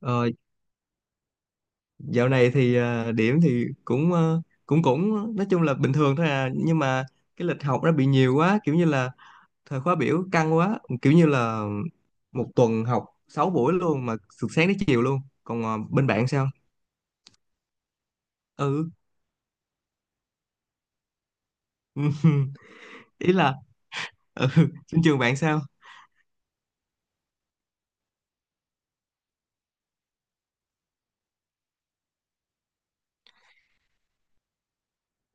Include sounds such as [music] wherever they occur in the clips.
Ờ, Dạo này thì điểm thì cũng ờ, cũng cũng nói chung là bình thường thôi nhưng mà cái lịch học nó bị nhiều quá, kiểu như là thời khóa biểu căng quá, kiểu như là một tuần học 6 buổi luôn, mà từ sáng đến chiều luôn. Còn bên bạn sao? Ừ. [laughs] Ý là, ừ, [laughs] trên trường bạn sao?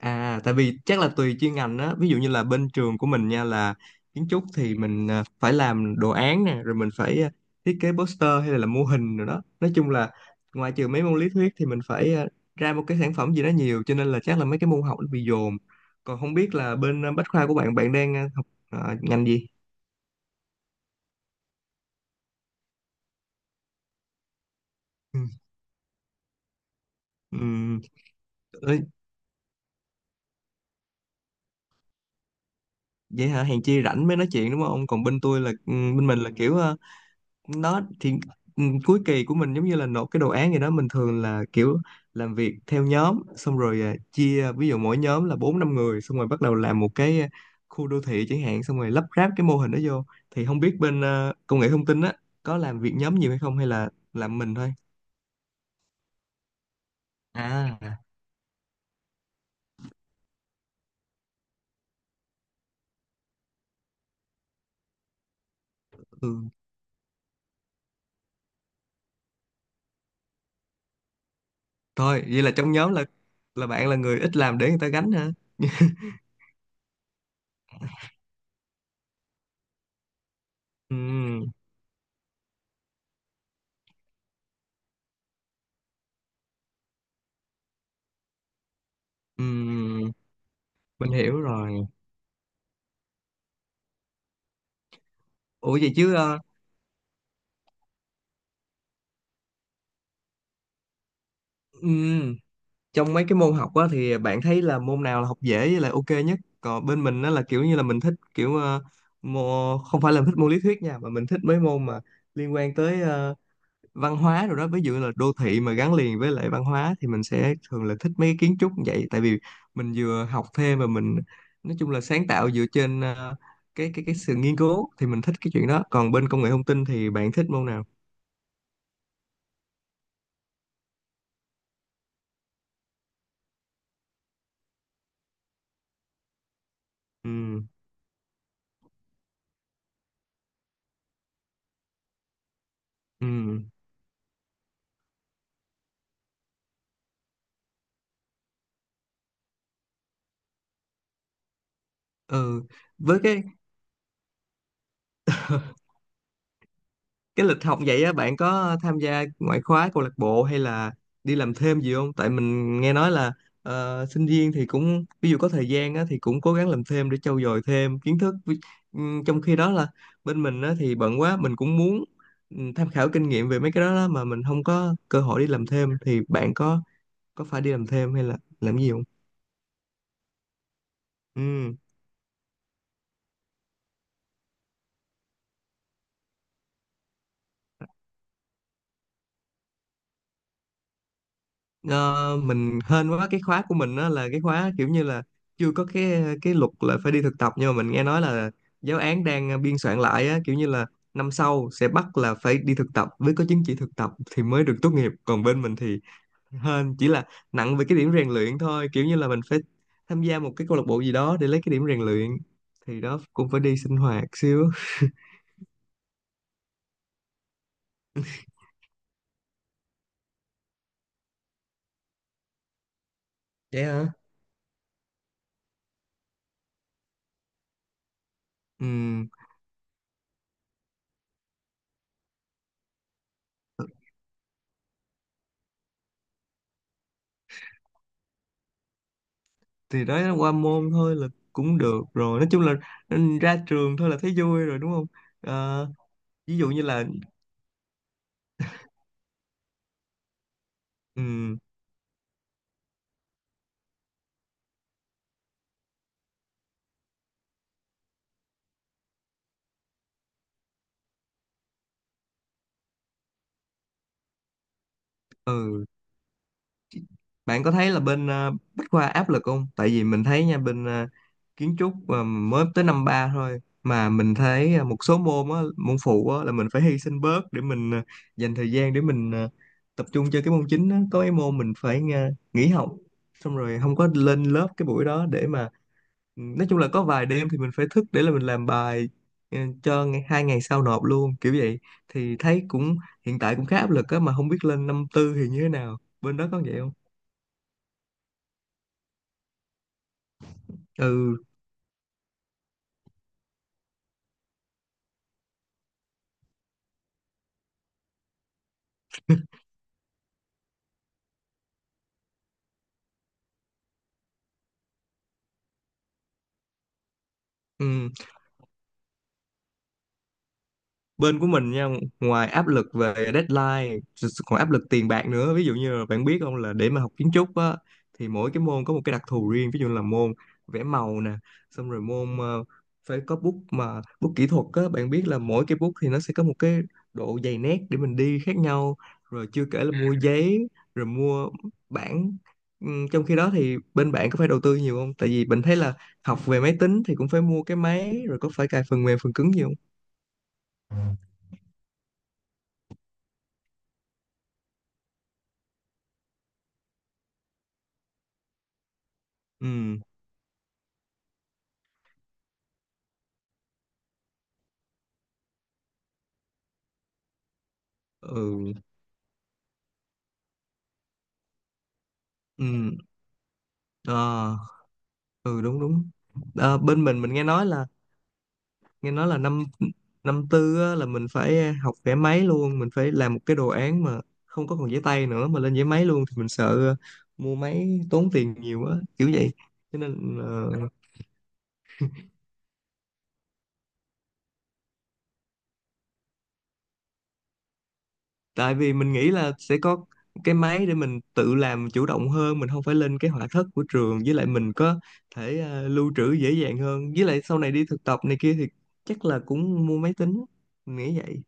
À, tại vì chắc là tùy chuyên ngành á, ví dụ như là bên trường của mình nha, là kiến trúc thì mình phải làm đồ án nè, rồi mình phải à, thiết kế poster hay là làm mô hình rồi đó. Nói chung là ngoài trừ mấy môn lý thuyết thì mình phải ra một cái sản phẩm gì đó nhiều, cho nên là chắc là mấy cái môn học nó bị dồn. Còn không biết là bên bách khoa của bạn, đang học ngành gì? Ừ. Ừ. Ê, vậy hả, hèn chi rảnh mới nói chuyện đúng không? Còn bên tôi là, bên mình là kiểu, nó thì cuối kỳ của mình giống như là nộp cái đồ án gì đó, mình thường là kiểu làm việc theo nhóm, xong rồi chia, ví dụ mỗi nhóm là bốn năm người, xong rồi bắt đầu làm một cái khu đô thị chẳng hạn, xong rồi lắp ráp cái mô hình đó vô. Thì không biết bên công nghệ thông tin á, có làm việc nhóm nhiều hay không, hay là làm mình thôi? À. Ừ. Thôi vậy là trong nhóm là bạn là người ít làm để người ta gánh hả? Ừ. Ừ. Mình hiểu rồi. Ủa vậy chứ, ừ, trong mấy cái môn học á, thì bạn thấy là môn nào là học dễ với lại ok nhất? Còn bên mình nó là kiểu như là mình thích kiểu, không phải là thích môn lý thuyết nha, mà mình thích mấy môn mà liên quan tới văn hóa rồi đó. Ví dụ là đô thị mà gắn liền với lại văn hóa thì mình sẽ thường là thích mấy cái kiến trúc như vậy, tại vì mình vừa học thêm và mình nói chung là sáng tạo dựa trên cái sự nghiên cứu, thì mình thích cái chuyện đó. Còn bên công nghệ thông tin thì bạn thích môn nào? Ừ. Ừ. Ừ. Với cái lịch học vậy á, bạn có tham gia ngoại khóa, câu lạc bộ hay là đi làm thêm gì không? Tại mình nghe nói là sinh viên thì cũng, ví dụ có thời gian á, thì cũng cố gắng làm thêm để trau dồi thêm kiến thức. Trong khi đó là bên mình á, thì bận quá, mình cũng muốn tham khảo kinh nghiệm về mấy cái đó đó, mà mình không có cơ hội đi làm thêm. Thì bạn có phải đi làm thêm hay là làm gì không? Ừ. Ờ, mình hên quá, cái khóa của mình đó là cái khóa kiểu như là chưa có cái luật là phải đi thực tập, nhưng mà mình nghe nói là giáo án đang biên soạn lại á, kiểu như là năm sau sẽ bắt là phải đi thực tập, với có chứng chỉ thực tập thì mới được tốt nghiệp. Còn bên mình thì hên chỉ là nặng về cái điểm rèn luyện thôi, kiểu như là mình phải tham gia một cái câu lạc bộ gì đó để lấy cái điểm rèn luyện, thì đó, cũng phải đi sinh hoạt xíu. Vậy hả. Ừ, thì đó, qua môn thôi là cũng được rồi, nói chung là, ra trường thôi là thấy vui rồi đúng không. Ờ, Ví dụ như là, ừ, ừ bạn có thấy là bên Bách Khoa áp lực không? Tại vì mình thấy nha, bên kiến trúc mà mới tới năm ba thôi mà mình thấy, một số môn á, môn phụ á, là mình phải hy sinh bớt để mình dành thời gian để mình tập trung cho cái môn chính á. Có cái môn mình phải nghỉ học, xong rồi không có lên lớp cái buổi đó để mà, nói chung là có vài đêm thì mình phải thức để là mình làm bài ừ, cho ngày, 2 ngày sau nộp luôn, kiểu vậy. Thì thấy cũng, hiện tại cũng khá áp lực á, mà không biết lên năm tư thì như thế nào, bên đó có vậy không. Ừ. Ừ. Bên của mình nha, ngoài áp lực về deadline còn áp lực tiền bạc nữa. Ví dụ như là bạn biết không, là để mà học kiến trúc á, thì mỗi cái môn có một cái đặc thù riêng. Ví dụ là môn vẽ màu nè, xong rồi môn phải có bút, mà bút kỹ thuật á, bạn biết là mỗi cái bút thì nó sẽ có một cái độ dày nét để mình đi khác nhau, rồi chưa kể là, Ừ, mua giấy, rồi mua bảng. Trong khi đó thì bên bạn có phải đầu tư nhiều không? Tại vì mình thấy là học về máy tính thì cũng phải mua cái máy, rồi có phải cài phần mềm, phần cứng nhiều không? Ừ. Ừ. Ừ. Ờ. Ừ, đúng đúng. Bên mình nghe nói là, năm, tư á, là mình phải học vẽ máy luôn, mình phải làm một cái đồ án mà không có còn giấy tay nữa mà lên giấy máy luôn. Thì mình sợ mua máy tốn tiền nhiều á, kiểu vậy. Cho nên, tại vì mình nghĩ là sẽ có cái máy để mình tự làm chủ động hơn, mình không phải lên cái họa thất của trường, với lại mình có thể lưu trữ dễ dàng hơn. Với lại sau này đi thực tập này kia thì chắc là cũng mua máy tính, mình nghĩ vậy.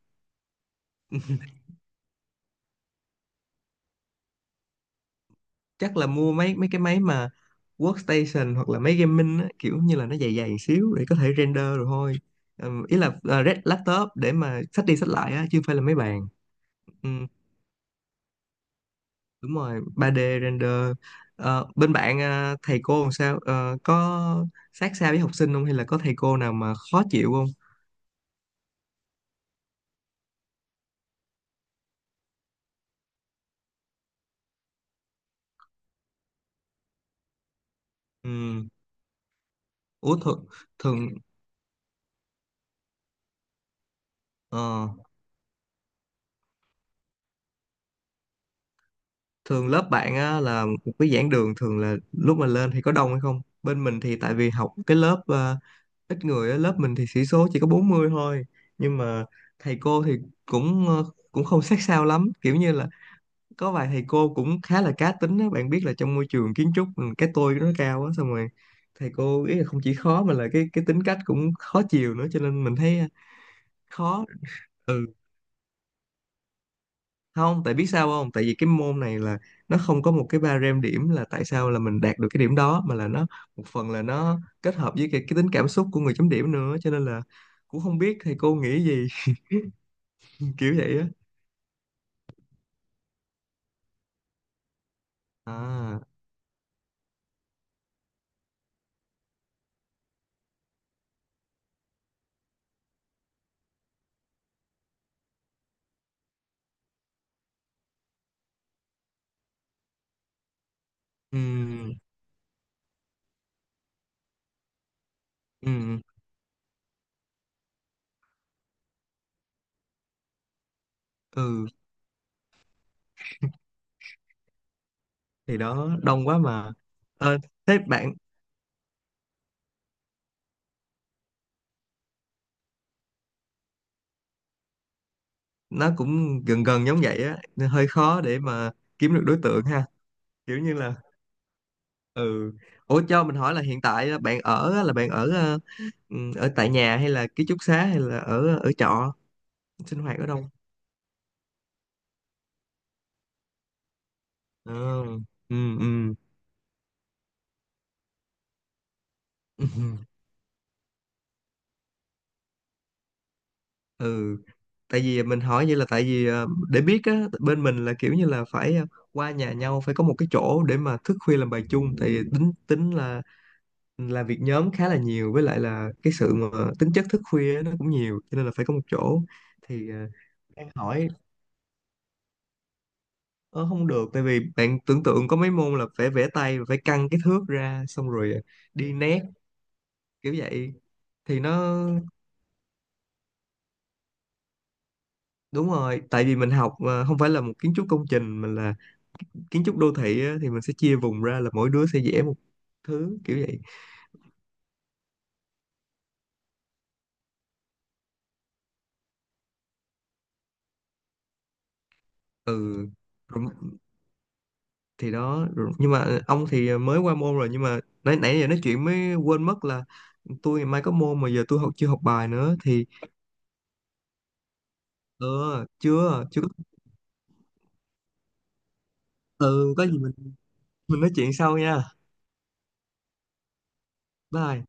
Chắc là mua mấy mấy cái máy mà workstation hoặc là máy gaming á, kiểu như là nó dày dày xíu để có thể render rồi thôi. Ý là laptop để mà xách đi xách lại á, chứ không phải là máy bàn. Ừm, Đúng rồi, 3D render. Bên bạn, thầy cô làm sao? Ờ, có sát sao với học sinh không, hay là có thầy cô nào mà khó chịu không? Ừm, Ủa thường, thường ờ, thường lớp bạn á, là một cái giảng đường, thường là lúc mà lên thì có đông hay không? Bên mình thì tại vì học cái lớp ít người á, lớp mình thì sĩ số chỉ có 40 thôi, nhưng mà thầy cô thì cũng cũng không sát sao lắm, kiểu như là có vài thầy cô cũng khá là cá tính á. Bạn biết là trong môi trường kiến trúc, ừ, cái tôi nó cao á, xong rồi thầy cô ý là không chỉ khó mà là cái tính cách cũng khó chiều nữa, cho nên mình thấy khó. Ừ, không, tại biết sao không, tại vì cái môn này là nó không có một cái ba rem điểm là tại sao là mình đạt được cái điểm đó, mà là nó một phần là nó kết hợp với cái tính cảm xúc của người chấm điểm nữa, cho nên là cũng không biết thầy cô nghĩ gì, kiểu vậy á. À. Ừm. Ừm. Ừ, thì đó, đông quá mà. Ờ, Thế bạn, nó cũng gần gần giống vậy á, nên hơi khó để mà kiếm được đối tượng ha, kiểu như là, ừ. Ủa cho mình hỏi là hiện tại á, bạn ở á, là bạn ở ờ, ở tại nhà hay là ký túc xá hay là ở trọ, sinh hoạt ở đâu? Ừ. Ừ. Ừ. [laughs] Ừ. Tại vì mình hỏi vậy là tại vì để biết á, bên mình là kiểu như là phải qua nhà nhau, phải có một cái chỗ để mà thức khuya làm bài chung, tại vì tính tính là việc nhóm khá là nhiều, với lại là cái sự mà tính chất thức khuya á, nó cũng nhiều cho nên là phải có một chỗ. Thì, đang hỏi, ờ, không được. Tại vì bạn tưởng tượng có mấy môn là phải vẽ tay, phải căng cái thước ra, xong rồi đi nét, kiểu vậy. Thì nó, đúng rồi, tại vì mình học không phải là một kiến trúc công trình mà là kiến trúc đô thị á, thì mình sẽ chia vùng ra là mỗi đứa sẽ vẽ một thứ, kiểu vậy. Ừ. Rồi, thì đó rồi, nhưng mà ông thì mới qua môn rồi, nhưng mà nãy nãy giờ nói chuyện mới quên mất là tôi ngày mai có môn mà giờ tôi học, chưa học bài nữa thì, ờ chưa, chưa. Ừ, có gì mình nói chuyện sau nha. Bye.